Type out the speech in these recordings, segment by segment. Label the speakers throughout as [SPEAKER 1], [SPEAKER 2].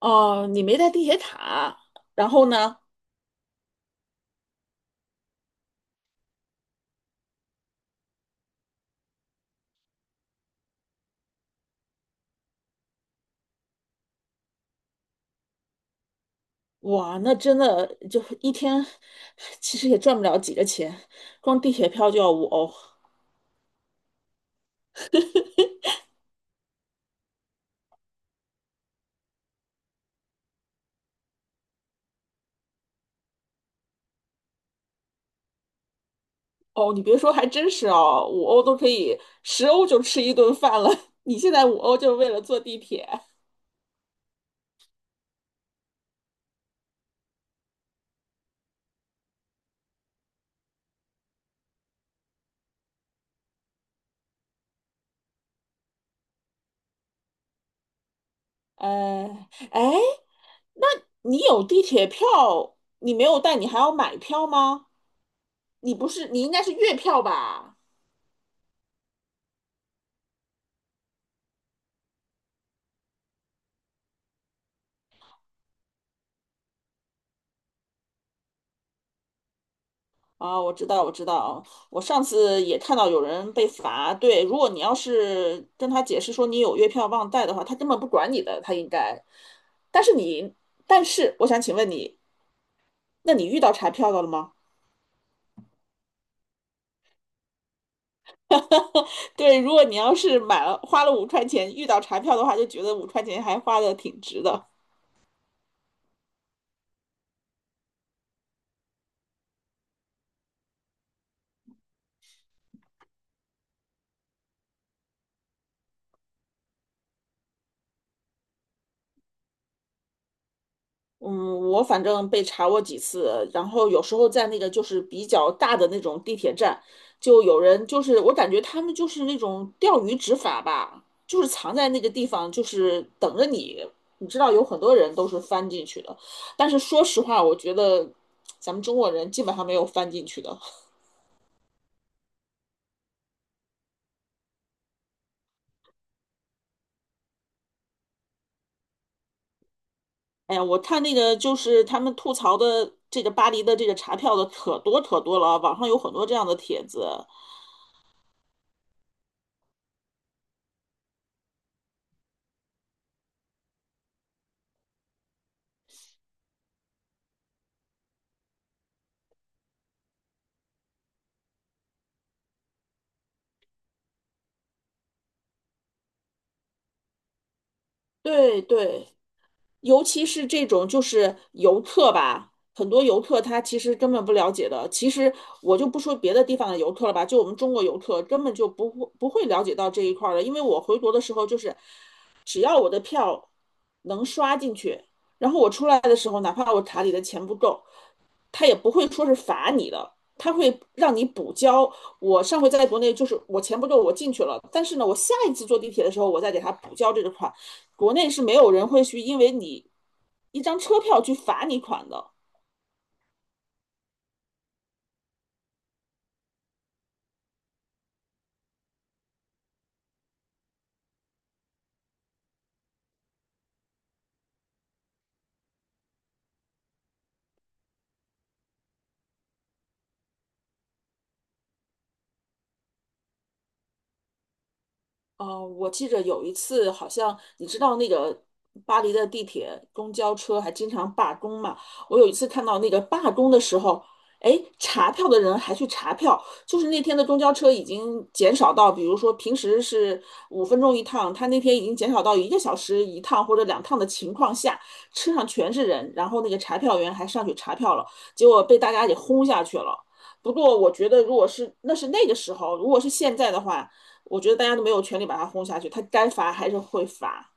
[SPEAKER 1] 哦，你没带地铁卡，然后呢？哇，那真的就一天，其实也赚不了几个钱，光地铁票就要五欧。哦，你别说，还真是哦，五欧都可以，十欧就吃一顿饭了。你现在5欧就是为了坐地铁，呃，哎，那你有地铁票，你没有带，你还要买票吗？你不是，你应该是月票吧？啊，我知道，我知道，我上次也看到有人被罚。对，如果你要是跟他解释说你有月票忘带的话，他根本不管你的，他应该。但是你，但是我想请问你，那你遇到查票的了吗？对，如果你要是买了花了五块钱遇到查票的话，就觉得五块钱还花的挺值的。嗯，我反正被查过几次，然后有时候在那个就是比较大的那种地铁站，就有人就是我感觉他们就是那种钓鱼执法吧，就是藏在那个地方，就是等着你。你知道有很多人都是翻进去的，但是说实话，我觉得咱们中国人基本上没有翻进去的。哎呀，我看那个就是他们吐槽的这个巴黎的这个查票的可多可多了，网上有很多这样的帖子。对对。尤其是这种就是游客吧，很多游客他其实根本不了解的。其实我就不说别的地方的游客了吧，就我们中国游客根本就不会了解到这一块儿的。因为我回国的时候，就是只要我的票能刷进去，然后我出来的时候，哪怕我卡里的钱不够，他也不会说是罚你的。他会让你补交。我上回在国内就是我钱不够，我进去了，但是呢，我下一次坐地铁的时候，我再给他补交这个款。国内是没有人会去因为你一张车票去罚你款的。哦，我记着有一次，好像你知道那个巴黎的地铁、公交车还经常罢工嘛。我有一次看到那个罢工的时候，哎，查票的人还去查票，就是那天的公交车已经减少到，比如说平时是五分钟一趟，他那天已经减少到1个小时一趟或者两趟的情况下，车上全是人，然后那个查票员还上去查票了，结果被大家给轰下去了。不过我觉得，如果是那是那个时候，如果是现在的话。我觉得大家都没有权利把它轰下去，它该罚还是会罚。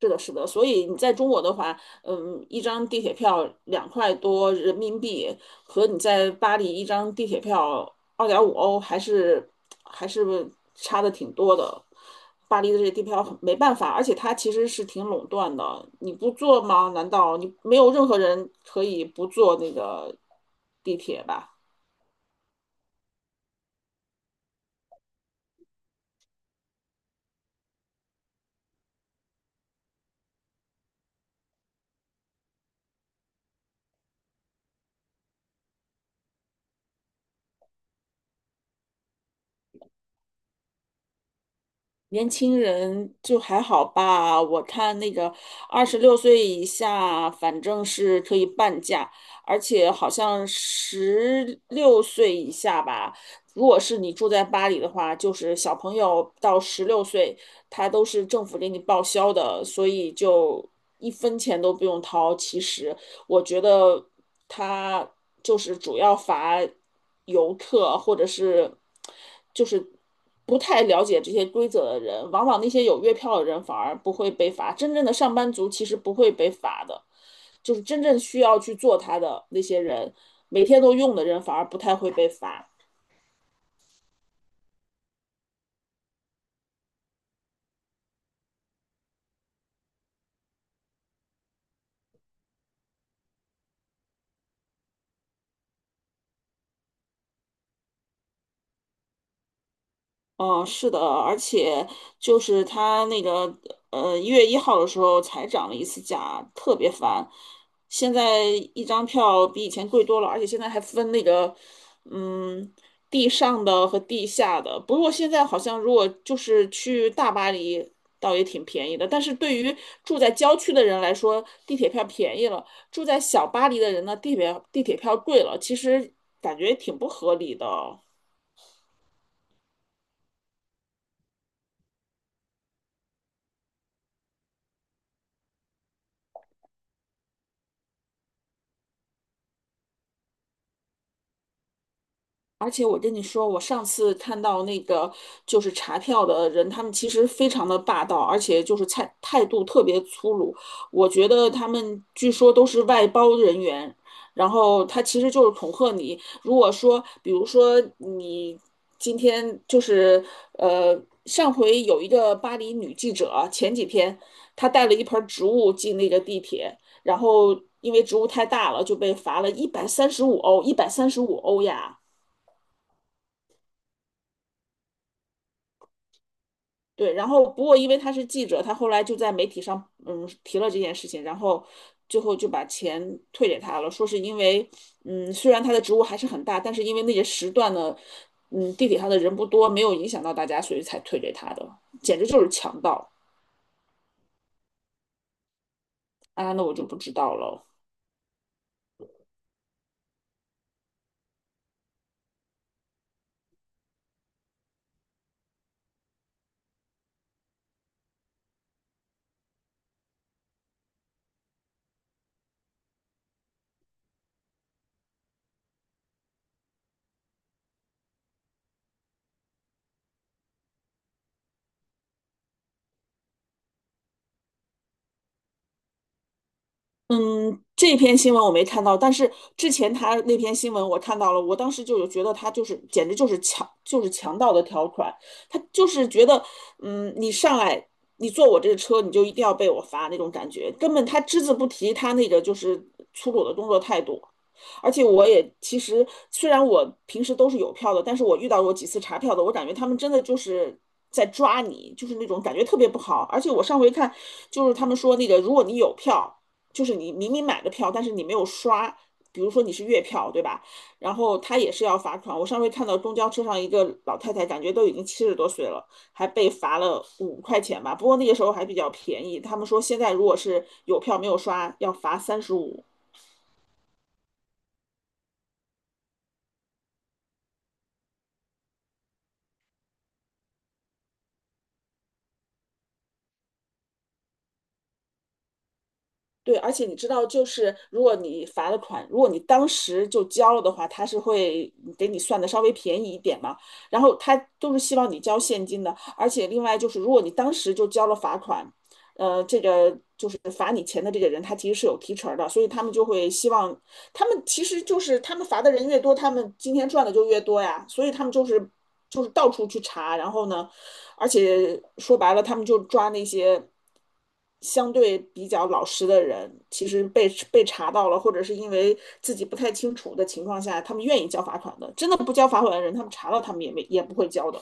[SPEAKER 1] 是的，是的。所以你在中国的话，嗯，一张地铁票2块多人民币，和你在巴黎一张地铁票2.5欧，还是差的挺多的。巴黎的这些地铁票很没办法，而且它其实是挺垄断的。你不坐吗？难道你没有任何人可以不坐那个地铁吧？年轻人就还好吧，我看那个26岁以下，反正是可以半价，而且好像十六岁以下吧。如果是你住在巴黎的话，就是小朋友到十六岁，他都是政府给你报销的，所以就一分钱都不用掏。其实，我觉得他就是主要罚游客或者是就是不太了解这些规则的人，往往那些有月票的人反而不会被罚，真正的上班族其实不会被罚的，就是真正需要去做他的那些人，每天都用的人反而不太会被罚。嗯，是的，而且就是他那个1月1号的时候才涨了一次价，特别烦。现在一张票比以前贵多了，而且现在还分那个嗯地上的和地下的。不过现在好像如果就是去大巴黎，倒也挺便宜的。但是对于住在郊区的人来说，地铁票便宜了；住在小巴黎的人呢，地铁票贵了。其实感觉挺不合理的。而且我跟你说，我上次看到那个就是查票的人，他们其实非常的霸道，而且就是态度特别粗鲁。我觉得他们据说都是外包人员，然后他其实就是恐吓你。如果说，比如说你今天就是呃，上回有一个巴黎女记者，前几天她带了一盆植物进那个地铁，然后因为植物太大了，就被罚了一百三十五欧，一百三十五欧呀。对，然后不过因为他是记者，他后来就在媒体上提了这件事情，然后最后就把钱退给他了，说是因为虽然他的职务还是很大，但是因为那些时段呢，地铁上的人不多，没有影响到大家，所以才退给他的，简直就是强盗啊！那我就不知道了。嗯，这篇新闻我没看到，但是之前他那篇新闻我看到了，我当时就有觉得他就是简直就是强盗的条款，他就是觉得，嗯，你上来你坐我这个车，你就一定要被我罚那种感觉，根本他只字不提他那个就是粗鲁的工作态度，而且我也其实虽然我平时都是有票的，但是我遇到过几次查票的，我感觉他们真的就是。在抓你，就是那种感觉特别不好。而且我上回看，就是他们说那个，如果你有票，就是你明明买的票，但是你没有刷，比如说你是月票，对吧？然后他也是要罚款。我上回看到公交车上一个老太太，感觉都已经70多岁了，还被罚了五块钱吧。不过那个时候还比较便宜，他们说现在如果是有票没有刷，要罚三十五。对，而且你知道，就是如果你罚了款，如果你当时就交了的话，他是会给你算的稍微便宜一点嘛。然后他都是希望你交现金的，而且另外就是，如果你当时就交了罚款，这个就是罚你钱的这个人，他其实是有提成儿的，所以他们就会希望，他们其实就是他们罚的人越多，他们今天赚的就越多呀，所以他们就是到处去查，然后呢，而且说白了，他们就抓那些相对比较老实的人，其实被查到了，或者是因为自己不太清楚的情况下，他们愿意交罚款的。真的不交罚款的人，他们查到他们也不会交的。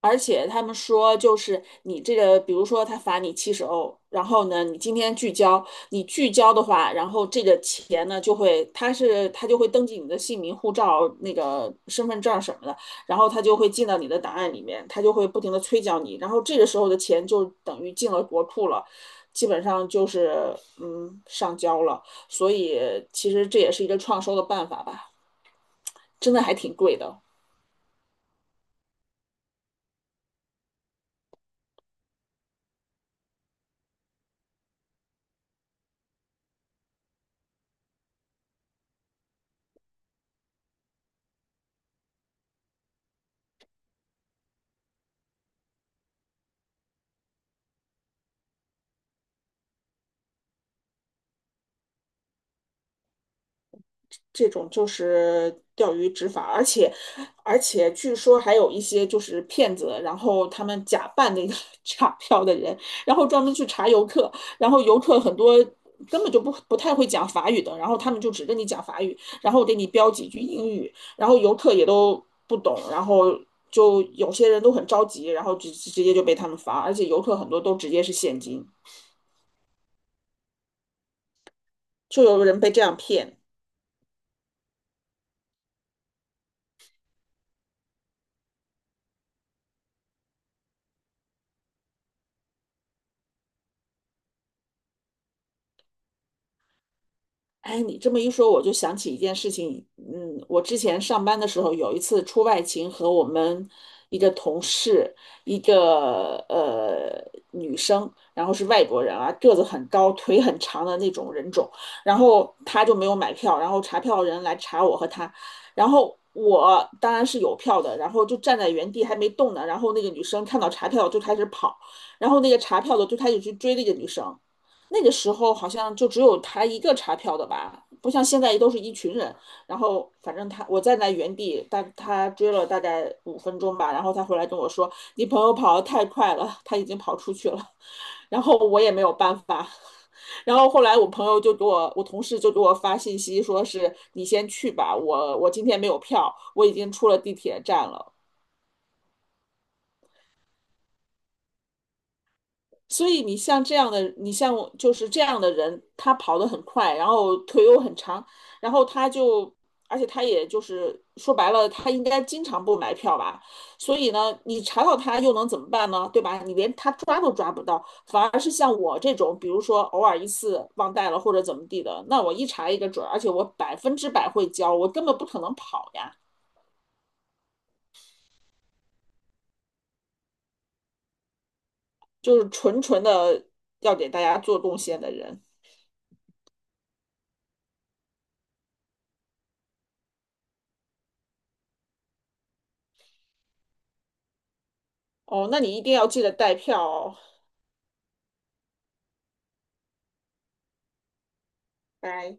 [SPEAKER 1] 而且他们说，就是你这个，比如说他罚你70欧，然后呢，你今天拒交，你拒交的话，然后这个钱呢就会，他就会登记你的姓名、护照、那个身份证什么的，然后他就会进到你的档案里面，他就会不停的催缴你，然后这个时候的钱就等于进了国库了，基本上就是上交了，所以其实这也是一个创收的办法吧，真的还挺贵的。这种就是钓鱼执法，而且据说还有一些就是骗子，然后他们假扮那个 查票的人，然后专门去查游客，然后游客很多根本就不太会讲法语的，然后他们就只跟你讲法语，然后给你标几句英语，然后游客也都不懂，然后就有些人都很着急，然后直接就被他们罚，而且游客很多都直接是现金，就有人被这样骗。哎，你这么一说，我就想起一件事情。嗯，我之前上班的时候，有一次出外勤，和我们一个同事，一个女生，然后是外国人啊，个子很高，腿很长的那种人种。然后她就没有买票，然后查票人来查我和她，然后我当然是有票的，然后就站在原地还没动呢。然后那个女生看到查票就开始跑，然后那个查票的就开始去追那个女生。那个时候好像就只有他一个查票的吧，不像现在都是一群人。然后反正他我站在原地，大他追了大概五分钟吧，然后他回来跟我说：“你朋友跑得太快了，他已经跑出去了。然后我也没有办法。然后后来我朋友就给我，我同事就给我发信息，说是你先去吧，我今天没有票，我已经出了地铁站了。所以你像这样的，你像我就是这样的人，他跑得很快，然后腿又很长，然后他就，而且他也就是说白了，他应该经常不买票吧？所以呢，你查到他又能怎么办呢？对吧？你连他抓都抓不到，反而是像我这种，比如说偶尔一次忘带了或者怎么地的，那我一查一个准而且我100%会交，我根本不可能跑呀，就是纯纯的要给大家做贡献的人。哦，那你一定要记得带票哦，拜。